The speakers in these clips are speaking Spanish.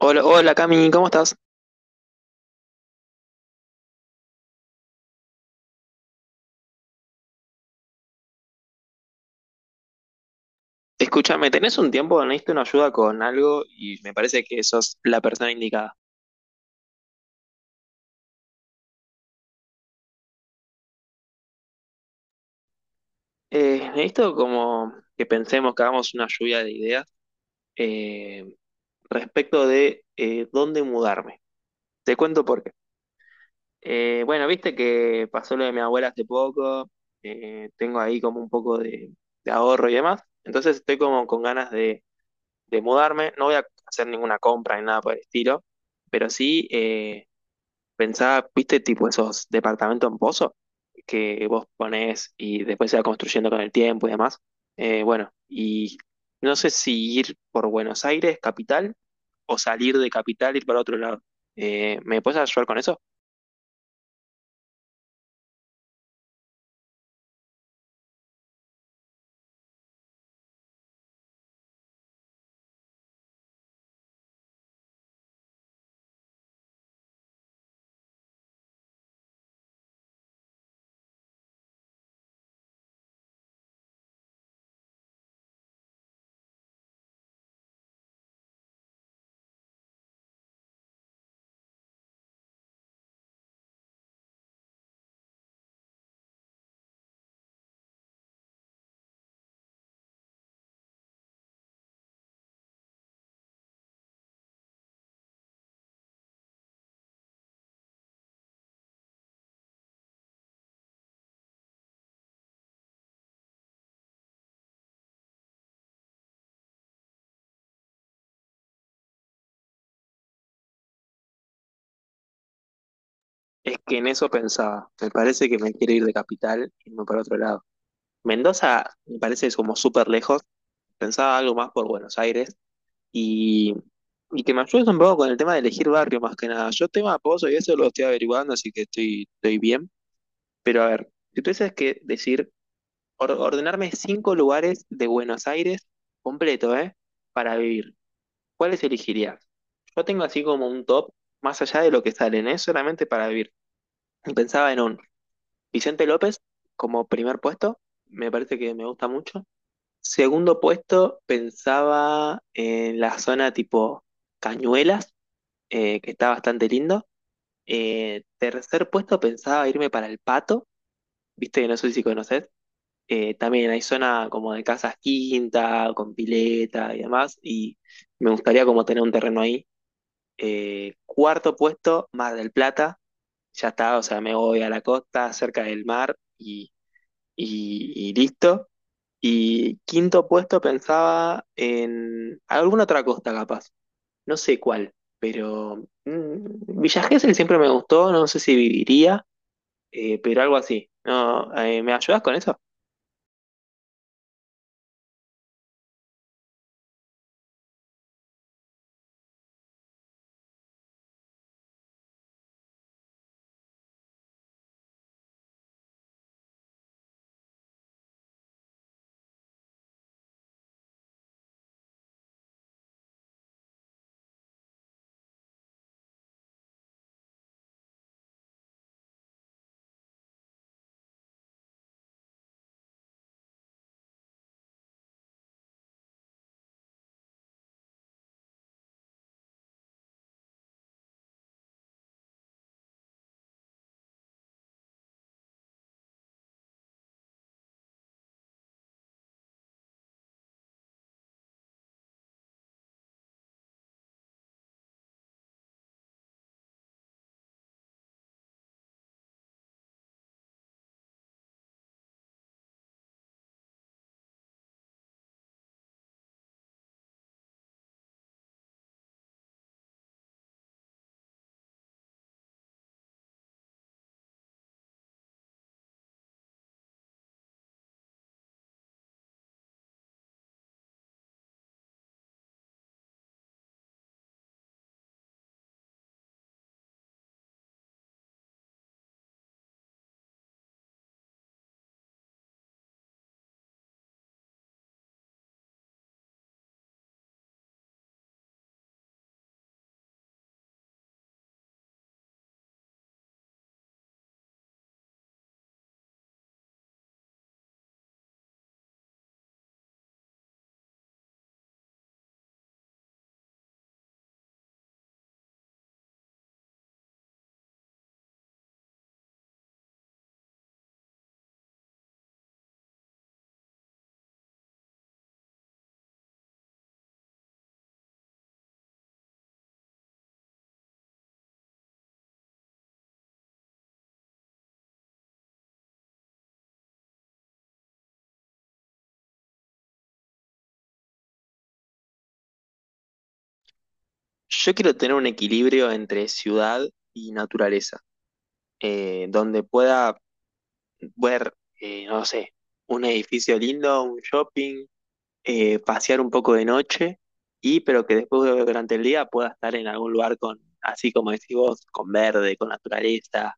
Hola, hola Cami, ¿cómo estás? Escúchame, ¿tenés un tiempo? Necesito una ayuda con algo y me parece que sos la persona indicada. Necesito como que pensemos, que hagamos una lluvia de ideas eh, respecto de dónde mudarme. Te cuento por qué. Bueno, viste que pasó lo de mi abuela hace poco. Tengo ahí como un poco de ahorro y demás, entonces estoy como con ganas de mudarme. No voy a hacer ninguna compra ni nada por el estilo, pero sí... pensaba, viste, tipo esos departamentos en pozo que vos ponés y después se va construyendo con el tiempo y demás. Bueno, y no sé si ir por Buenos Aires, capital, o salir de capital, ir para otro lado. ¿Me puedes ayudar con eso? Es que en eso pensaba. Me parece que me quiero ir de capital y irme para otro lado. Mendoza me parece como súper lejos. Pensaba algo más por Buenos Aires, Y, y que me ayudes un poco con el tema de elegir barrio más que nada. Yo tema Pozo y eso lo estoy averiguando, así que estoy, estoy bien. Pero a ver, si tuvieses que decir, ordenarme cinco lugares de Buenos Aires completo, ¿eh? Para vivir, ¿cuáles elegirías? Yo tengo así como un top, más allá de lo que salen, ¿eh? Solamente para vivir. Y pensaba en un Vicente López como primer puesto, me parece que me gusta mucho. Segundo puesto, pensaba en la zona tipo Cañuelas, que está bastante lindo. Tercer puesto, pensaba irme para el Pato, viste que no sé si conoces. También hay zona como de casas quinta, con pileta y demás, y me gustaría como tener un terreno ahí. Cuarto puesto, Mar del Plata, ya está, o sea, me voy a la costa, cerca del mar y listo. Y quinto puesto, pensaba en alguna otra costa, capaz no sé cuál, pero mm, Villa Gesell siempre me gustó, no sé si viviría, pero algo así. No, ¿me ayudas con eso? Yo quiero tener un equilibrio entre ciudad y naturaleza, donde pueda ver, no sé, un edificio lindo, un shopping, pasear un poco de noche, y pero que después durante el día pueda estar en algún lugar con, así como decís vos, con verde, con naturaleza.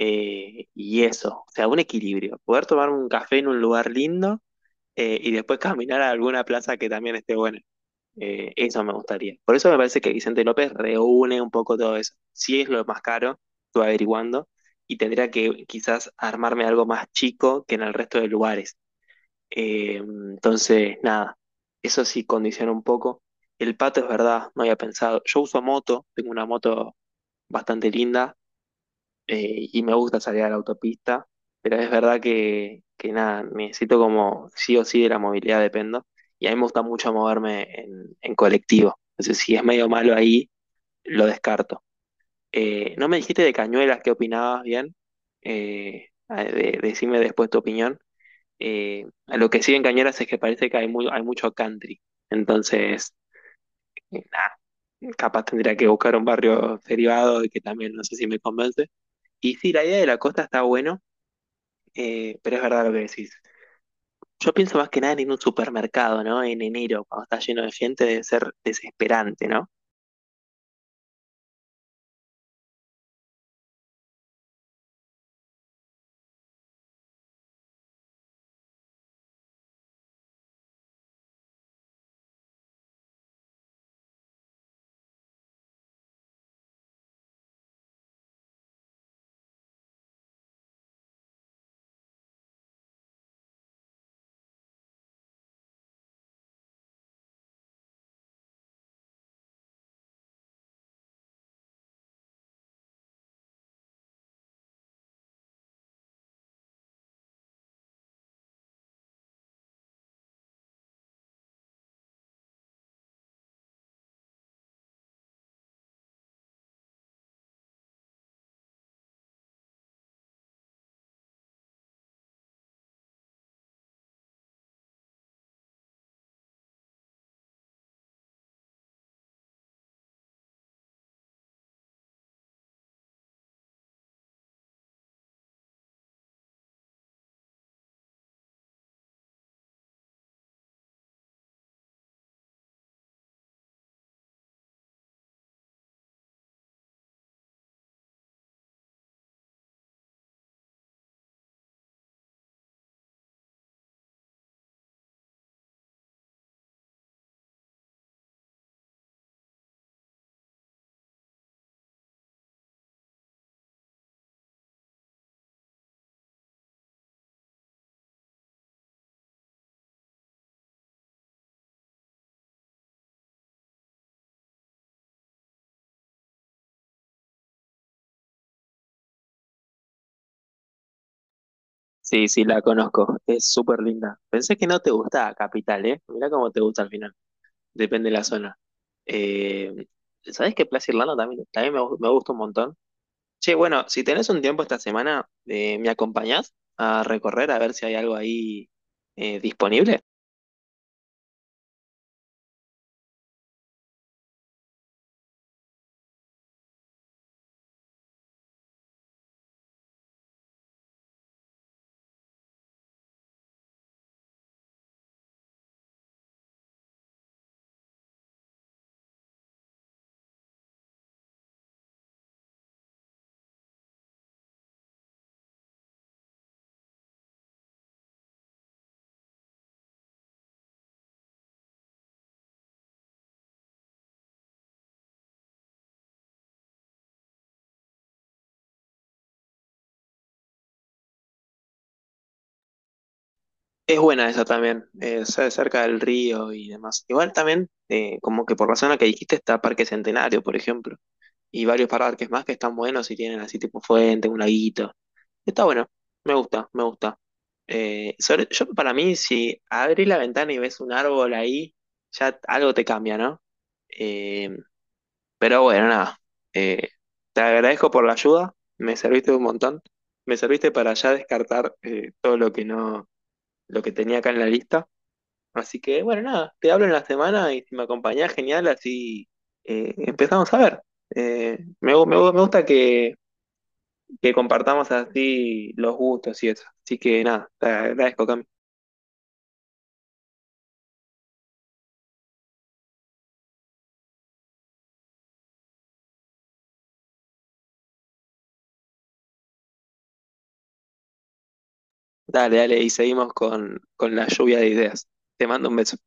Y eso, o sea, un equilibrio. Poder tomarme un café en un lugar lindo y después caminar a alguna plaza que también esté buena. Eso me gustaría. Por eso me parece que Vicente López reúne un poco todo eso. Si es lo más caro, estuve averiguando, y tendría que quizás armarme algo más chico que en el resto de lugares. Entonces, nada, eso sí condiciona un poco. El pato es verdad, no había pensado. Yo uso moto, tengo una moto bastante linda, y me gusta salir a la autopista, pero es verdad que nada, necesito como sí o sí de la movilidad dependo, y a mí me gusta mucho moverme en colectivo, entonces si es medio malo ahí, lo descarto. No me dijiste de Cañuelas qué opinabas bien, decime después tu opinión. A lo que sí en Cañuelas es que parece que hay, muy, hay mucho country, entonces... nada, capaz tendría que buscar un barrio derivado y que también no sé si me convence. Y sí, la idea de la costa está buena, pero es verdad lo que decís. Yo pienso más que nada en un supermercado, ¿no? En enero, cuando está lleno de gente, debe ser desesperante, ¿no? Sí, sí, la conozco. Es súper linda. Pensé que no te gustaba Capital, ¿eh? Mirá cómo te gusta al final. Depende de la zona. Eh, ¿Sabés que Plaza Irlanda también, también me gusta un montón? Che, bueno, si tenés un tiempo esta semana, ¿me acompañás a recorrer a ver si hay algo ahí disponible? Es buena esa también, cerca del río y demás. Igual también, como que por la zona que dijiste está Parque Centenario, por ejemplo, y varios parques más que están buenos y tienen así tipo fuente, un laguito. Está bueno, me gusta, me gusta. Yo para mí, si abrís la ventana y ves un árbol ahí, ya algo te cambia, ¿no? Eh, pero bueno, nada. Eh, Te agradezco por la ayuda, me serviste un montón, me serviste para ya descartar, todo lo que no, lo que tenía acá en la lista. Así que, bueno, nada, te hablo en la semana y si me acompañás, genial, así empezamos a ver. Me gusta que compartamos así los gustos y eso. Así que nada, te agradezco, Cami. Dale, dale, y seguimos con la lluvia de ideas. Te mando un beso.